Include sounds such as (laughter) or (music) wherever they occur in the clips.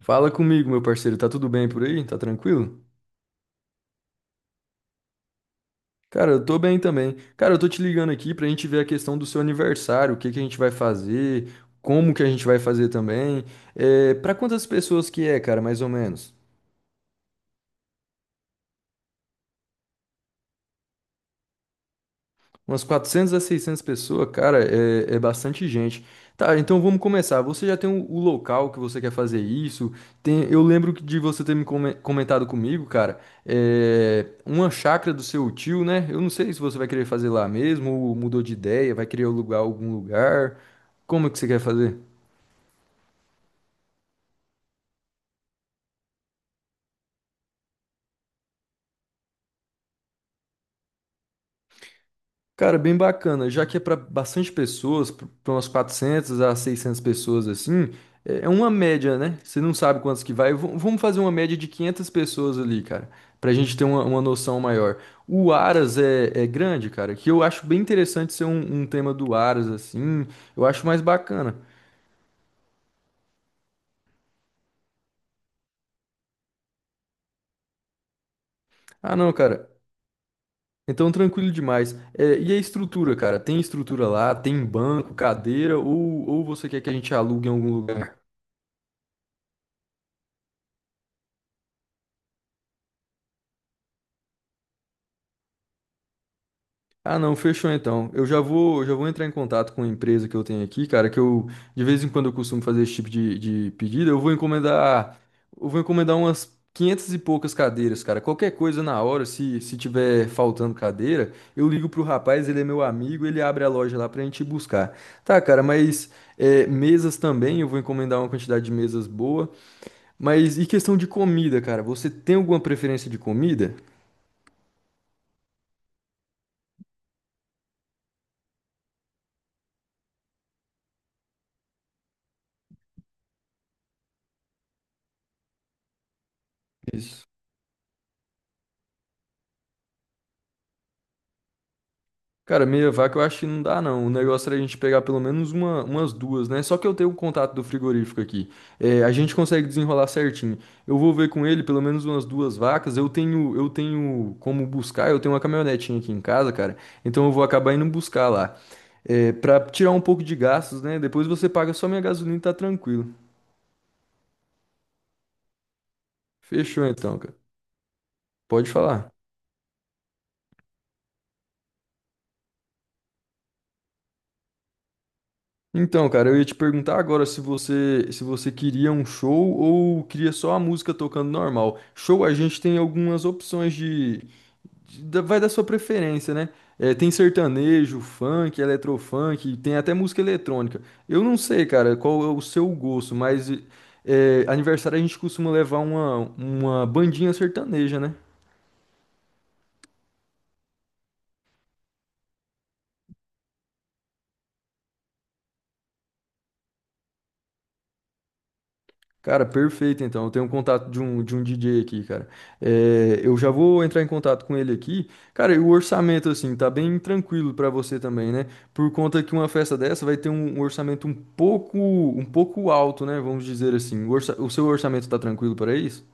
Fala comigo, meu parceiro. Tá tudo bem por aí? Tá tranquilo? Cara, eu tô bem também. Cara, eu tô te ligando aqui pra gente ver a questão do seu aniversário, o que que a gente vai fazer, como que a gente vai fazer também. É, pra quantas pessoas que é, cara, mais ou menos? Umas 400 a 600 pessoas, cara, é bastante gente. Tá, então vamos começar. Você já tem o local que você quer fazer isso? Tem, eu lembro que de você ter comentado comigo, cara, uma chácara do seu tio, né? Eu não sei se você vai querer fazer lá mesmo, ou mudou de ideia, vai querer alugar algum lugar. Como que você quer fazer? Cara, bem bacana. Já que é para bastante pessoas, para umas 400 a 600 pessoas assim, é uma média, né? Você não sabe quantos que vai. Vamos fazer uma média de 500 pessoas ali, cara, para a gente ter uma noção maior. O Aras é grande, cara, que eu acho bem interessante ser um tema do Aras assim. Eu acho mais bacana. Ah, não, cara. Então, tranquilo demais. E a estrutura, cara? Tem estrutura lá? Tem banco, cadeira? Ou você quer que a gente alugue em algum lugar? Ah, não, fechou então. Já vou entrar em contato com a empresa que eu tenho aqui, cara, que eu de vez em quando eu costumo fazer esse tipo de pedido. Eu vou encomendar umas 500 e poucas cadeiras, cara. Qualquer coisa na hora, se tiver faltando cadeira, eu ligo pro rapaz, ele é meu amigo, ele abre a loja lá pra gente ir buscar. Tá, cara, mas mesas também, eu vou encomendar uma quantidade de mesas boa. Mas e questão de comida, cara? Você tem alguma preferência de comida? Isso. Cara, meia vaca eu acho que não dá, não. O negócio era a gente pegar pelo menos uma, umas duas, né? Só que eu tenho o contato do frigorífico aqui. A gente consegue desenrolar certinho. Eu vou ver com ele pelo menos umas duas vacas. Eu tenho como buscar, eu tenho uma caminhonetinha aqui em casa, cara. Então eu vou acabar indo buscar lá. Pra tirar um pouco de gastos, né? Depois você paga só minha gasolina e tá tranquilo. Fechou então, cara. Pode falar. Então, cara, eu ia te perguntar agora se você queria um show ou queria só a música tocando normal. Show, a gente tem algumas opções vai da sua preferência, né? É, tem sertanejo, funk, eletrofunk, tem até música eletrônica. Eu não sei, cara, qual é o seu gosto, mas aniversário a gente costuma levar uma bandinha sertaneja, né? Cara, perfeito então. Eu tenho um contato de um DJ aqui, cara. Eu já vou entrar em contato com ele aqui. Cara, e o orçamento, assim, tá bem tranquilo pra você também, né? Por conta que uma festa dessa vai ter um orçamento um pouco alto, né? Vamos dizer assim. O seu orçamento tá tranquilo para isso?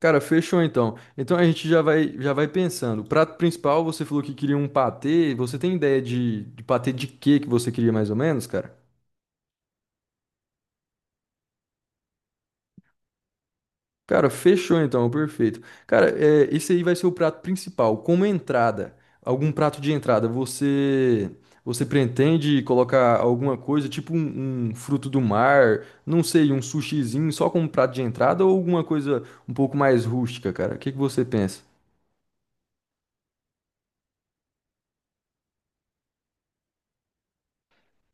Cara, fechou então. Então a gente já vai pensando. Prato principal, você falou que queria um patê. Você tem ideia de patê de quê que você queria mais ou menos, cara? Cara, fechou então, perfeito. Cara, esse aí vai ser o prato principal. Como entrada, algum prato de entrada, você pretende colocar alguma coisa, tipo um fruto do mar, não sei, um sushizinho só como prato de entrada ou alguma coisa um pouco mais rústica, cara? O que que você pensa?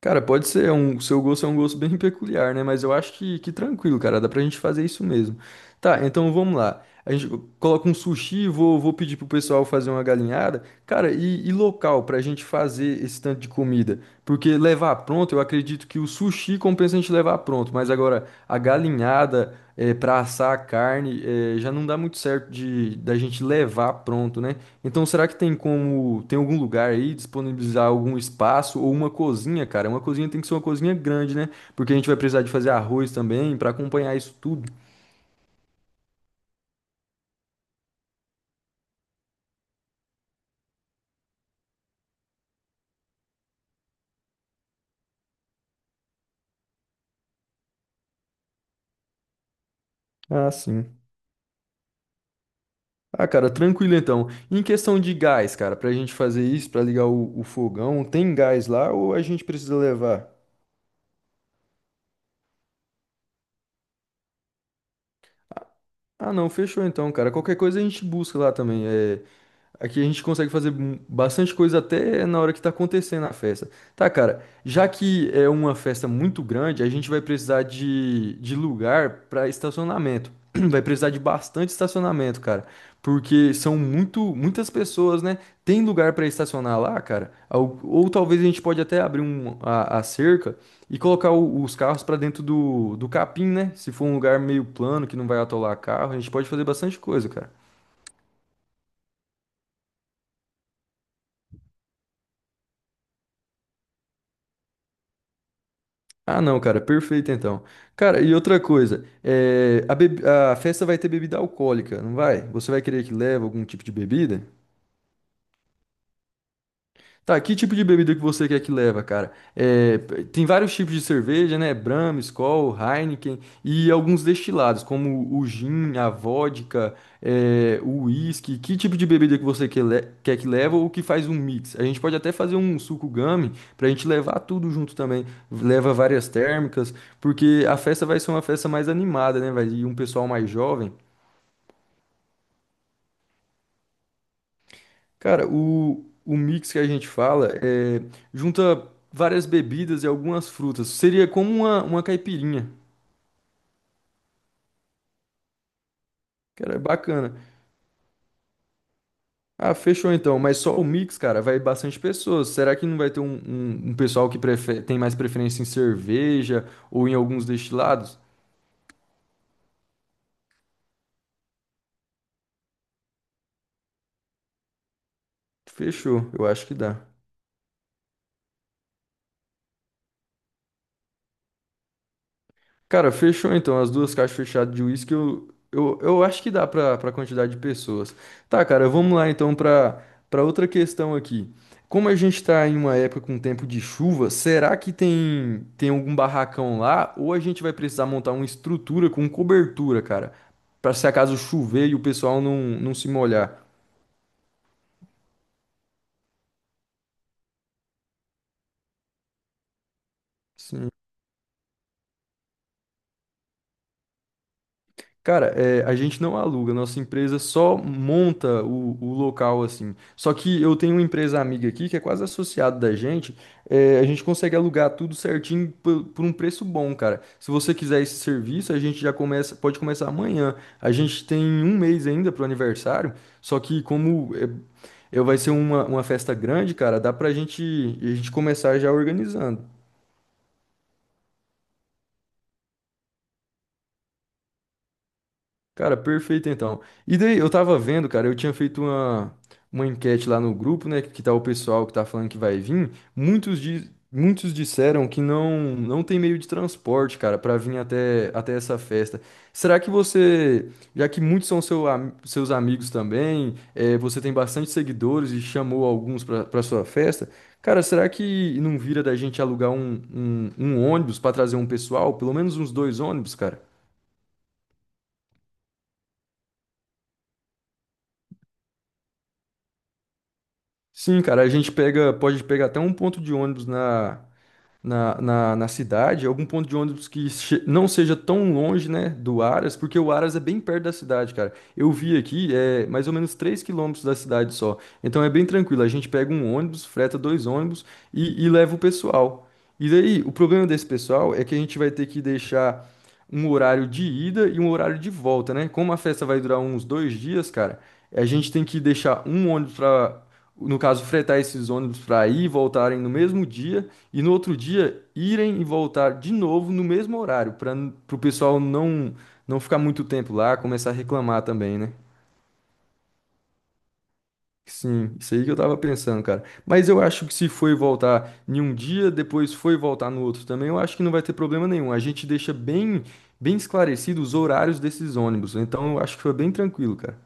Cara, pode ser, seu gosto é um gosto bem peculiar, né? Mas eu acho que tranquilo, cara, dá pra gente fazer isso mesmo. Tá, então vamos lá. A gente coloca um sushi, vou pedir pro pessoal fazer uma galinhada. Cara, e local pra gente fazer esse tanto de comida? Porque levar pronto, eu acredito que o sushi compensa a gente levar pronto, mas agora a galinhada, para assar a carne, já não dá muito certo de da gente levar pronto, né? Então, será que tem algum lugar aí disponibilizar algum espaço ou uma cozinha, cara? Uma cozinha tem que ser uma cozinha grande, né? Porque a gente vai precisar de fazer arroz também para acompanhar isso tudo. Ah, sim. Ah, cara, tranquilo então. Em questão de gás, cara, pra gente fazer isso, pra ligar o fogão, tem gás lá ou a gente precisa levar? Ah, não, fechou então, cara. Qualquer coisa a gente busca lá também. Aqui a gente consegue fazer bastante coisa até na hora que tá acontecendo a festa. Tá, cara, já que é uma festa muito grande, a gente vai precisar de lugar para estacionamento. (clears throat) Vai precisar de bastante estacionamento, cara, porque são muitas pessoas, né? Tem lugar para estacionar lá, cara? Ou talvez a gente pode até abrir a cerca e colocar os carros para dentro do capim, né? Se for um lugar meio plano que não vai atolar carro, a gente pode fazer bastante coisa, cara. Ah, não, cara, perfeito então. Cara, e outra coisa, a festa vai ter bebida alcoólica, não vai? Você vai querer que leve algum tipo de bebida? Tá, que tipo de bebida que você quer que leva, cara? Tem vários tipos de cerveja, né? Brahma, Skol, Heineken e alguns destilados, como o gin, a vodka, o whisky. Que tipo de bebida que quer que leva ou que faz um mix? A gente pode até fazer um suco gummy pra gente levar tudo junto também. Leva várias térmicas, porque a festa vai ser uma festa mais animada, né? Vai ir um pessoal mais jovem. Cara, o mix que a gente fala junta várias bebidas e algumas frutas. Seria como uma caipirinha. Cara, é bacana. Ah, fechou então. Mas só o mix, cara, vai bastante pessoas. Será que não vai ter um pessoal que tem mais preferência em cerveja ou em alguns destilados? Fechou, eu acho que dá. Cara, fechou então. As duas caixas fechadas de uísque, eu acho que dá pra quantidade de pessoas. Tá, cara, vamos lá então pra outra questão aqui. Como a gente tá em uma época com tempo de chuva, será que tem algum barracão lá? Ou a gente vai precisar montar uma estrutura com cobertura, cara? Pra se acaso chover e o pessoal não se molhar. Sim. Cara, a gente não aluga, nossa empresa só monta o local assim. Só que eu tenho uma empresa amiga aqui que é quase associada da gente, a gente consegue alugar tudo certinho por um preço bom, cara. Se você quiser esse serviço, a gente já começa, pode começar amanhã. A gente tem um mês ainda pro aniversário, só que como vai ser uma festa grande, cara, a gente começar já organizando. Cara, perfeito então. E daí, eu tava vendo, cara, eu tinha feito uma enquete lá no grupo, né? Que tá o pessoal que tá falando que vai vir. Muitos disseram que não tem meio de transporte, cara, pra vir até essa festa. Será que você, já que muitos são seus amigos também, você tem bastante seguidores e chamou alguns pra sua festa, cara, será que não vira da gente alugar um ônibus pra trazer um pessoal? Pelo menos uns dois ônibus, cara? Sim, cara, pode pegar até um ponto de ônibus na cidade, algum ponto de ônibus que não seja tão longe, né, do Aras, porque o Aras é bem perto da cidade, cara. Eu vi aqui, é mais ou menos 3 quilômetros da cidade só. Então é bem tranquilo, a gente pega um ônibus, freta dois ônibus e leva o pessoal. E daí, o problema desse pessoal é que a gente vai ter que deixar um horário de ida e um horário de volta, né? Como a festa vai durar uns dois dias, cara, a gente tem que deixar um ônibus para, no caso, fretar esses ônibus para ir e voltarem no mesmo dia e no outro dia irem e voltar de novo no mesmo horário, para o pessoal não ficar muito tempo lá, começar a reclamar também, né? Sim, isso aí que eu tava pensando, cara. Mas eu acho que se foi voltar em um dia, depois foi voltar no outro também, eu acho que não vai ter problema nenhum. A gente deixa bem esclarecido os horários desses ônibus. Então eu acho que foi bem tranquilo, cara.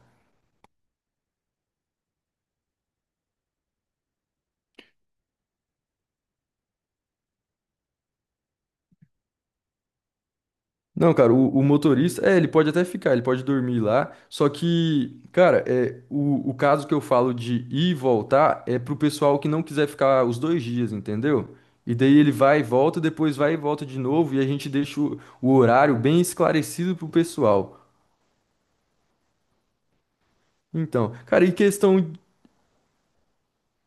Não, cara, o motorista, ele pode até ficar, ele pode dormir lá, só que, cara, o caso que eu falo de ir e voltar é pro pessoal que não quiser ficar os dois dias, entendeu? E daí ele vai e volta, depois vai e volta de novo, e a gente deixa o horário bem esclarecido pro pessoal. Então, cara, e questão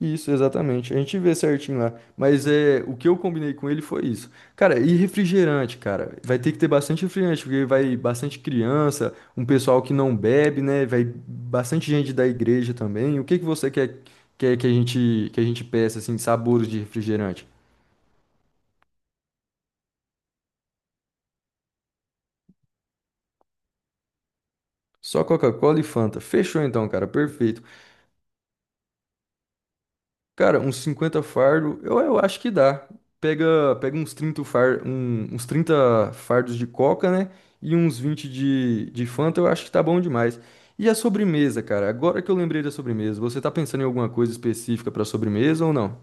Isso, exatamente. A gente vê certinho lá. Mas o que eu combinei com ele foi isso. Cara, e refrigerante, cara? Vai ter que ter bastante refrigerante, porque vai bastante criança, um pessoal que não bebe, né? Vai bastante gente da igreja também. O que que você quer que a gente peça, assim, sabores de refrigerante? Só Coca-Cola e Fanta. Fechou então, cara. Perfeito. Cara, uns 50 fardo, eu acho que dá. Pega uns 30 fardos de coca, né? E uns 20 de Fanta, eu acho que tá bom demais. E a sobremesa, cara? Agora que eu lembrei da sobremesa, você tá pensando em alguma coisa específica pra sobremesa ou não?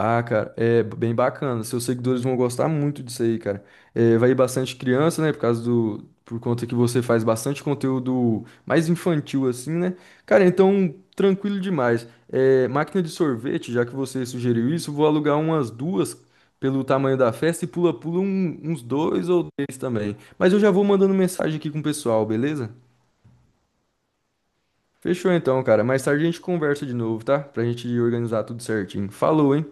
Ah, cara, é bem bacana. Seus seguidores vão gostar muito disso aí, cara. Vai ir bastante criança, né? Por causa do. Por conta que você faz bastante conteúdo mais infantil, assim, né? Cara, então, tranquilo demais. Máquina de sorvete, já que você sugeriu isso, vou alugar umas duas pelo tamanho da festa e pula-pula uns dois ou três também. Mas eu já vou mandando mensagem aqui com o pessoal, beleza? Fechou então, cara. Mais tarde a gente conversa de novo, tá? Pra gente organizar tudo certinho. Falou, hein?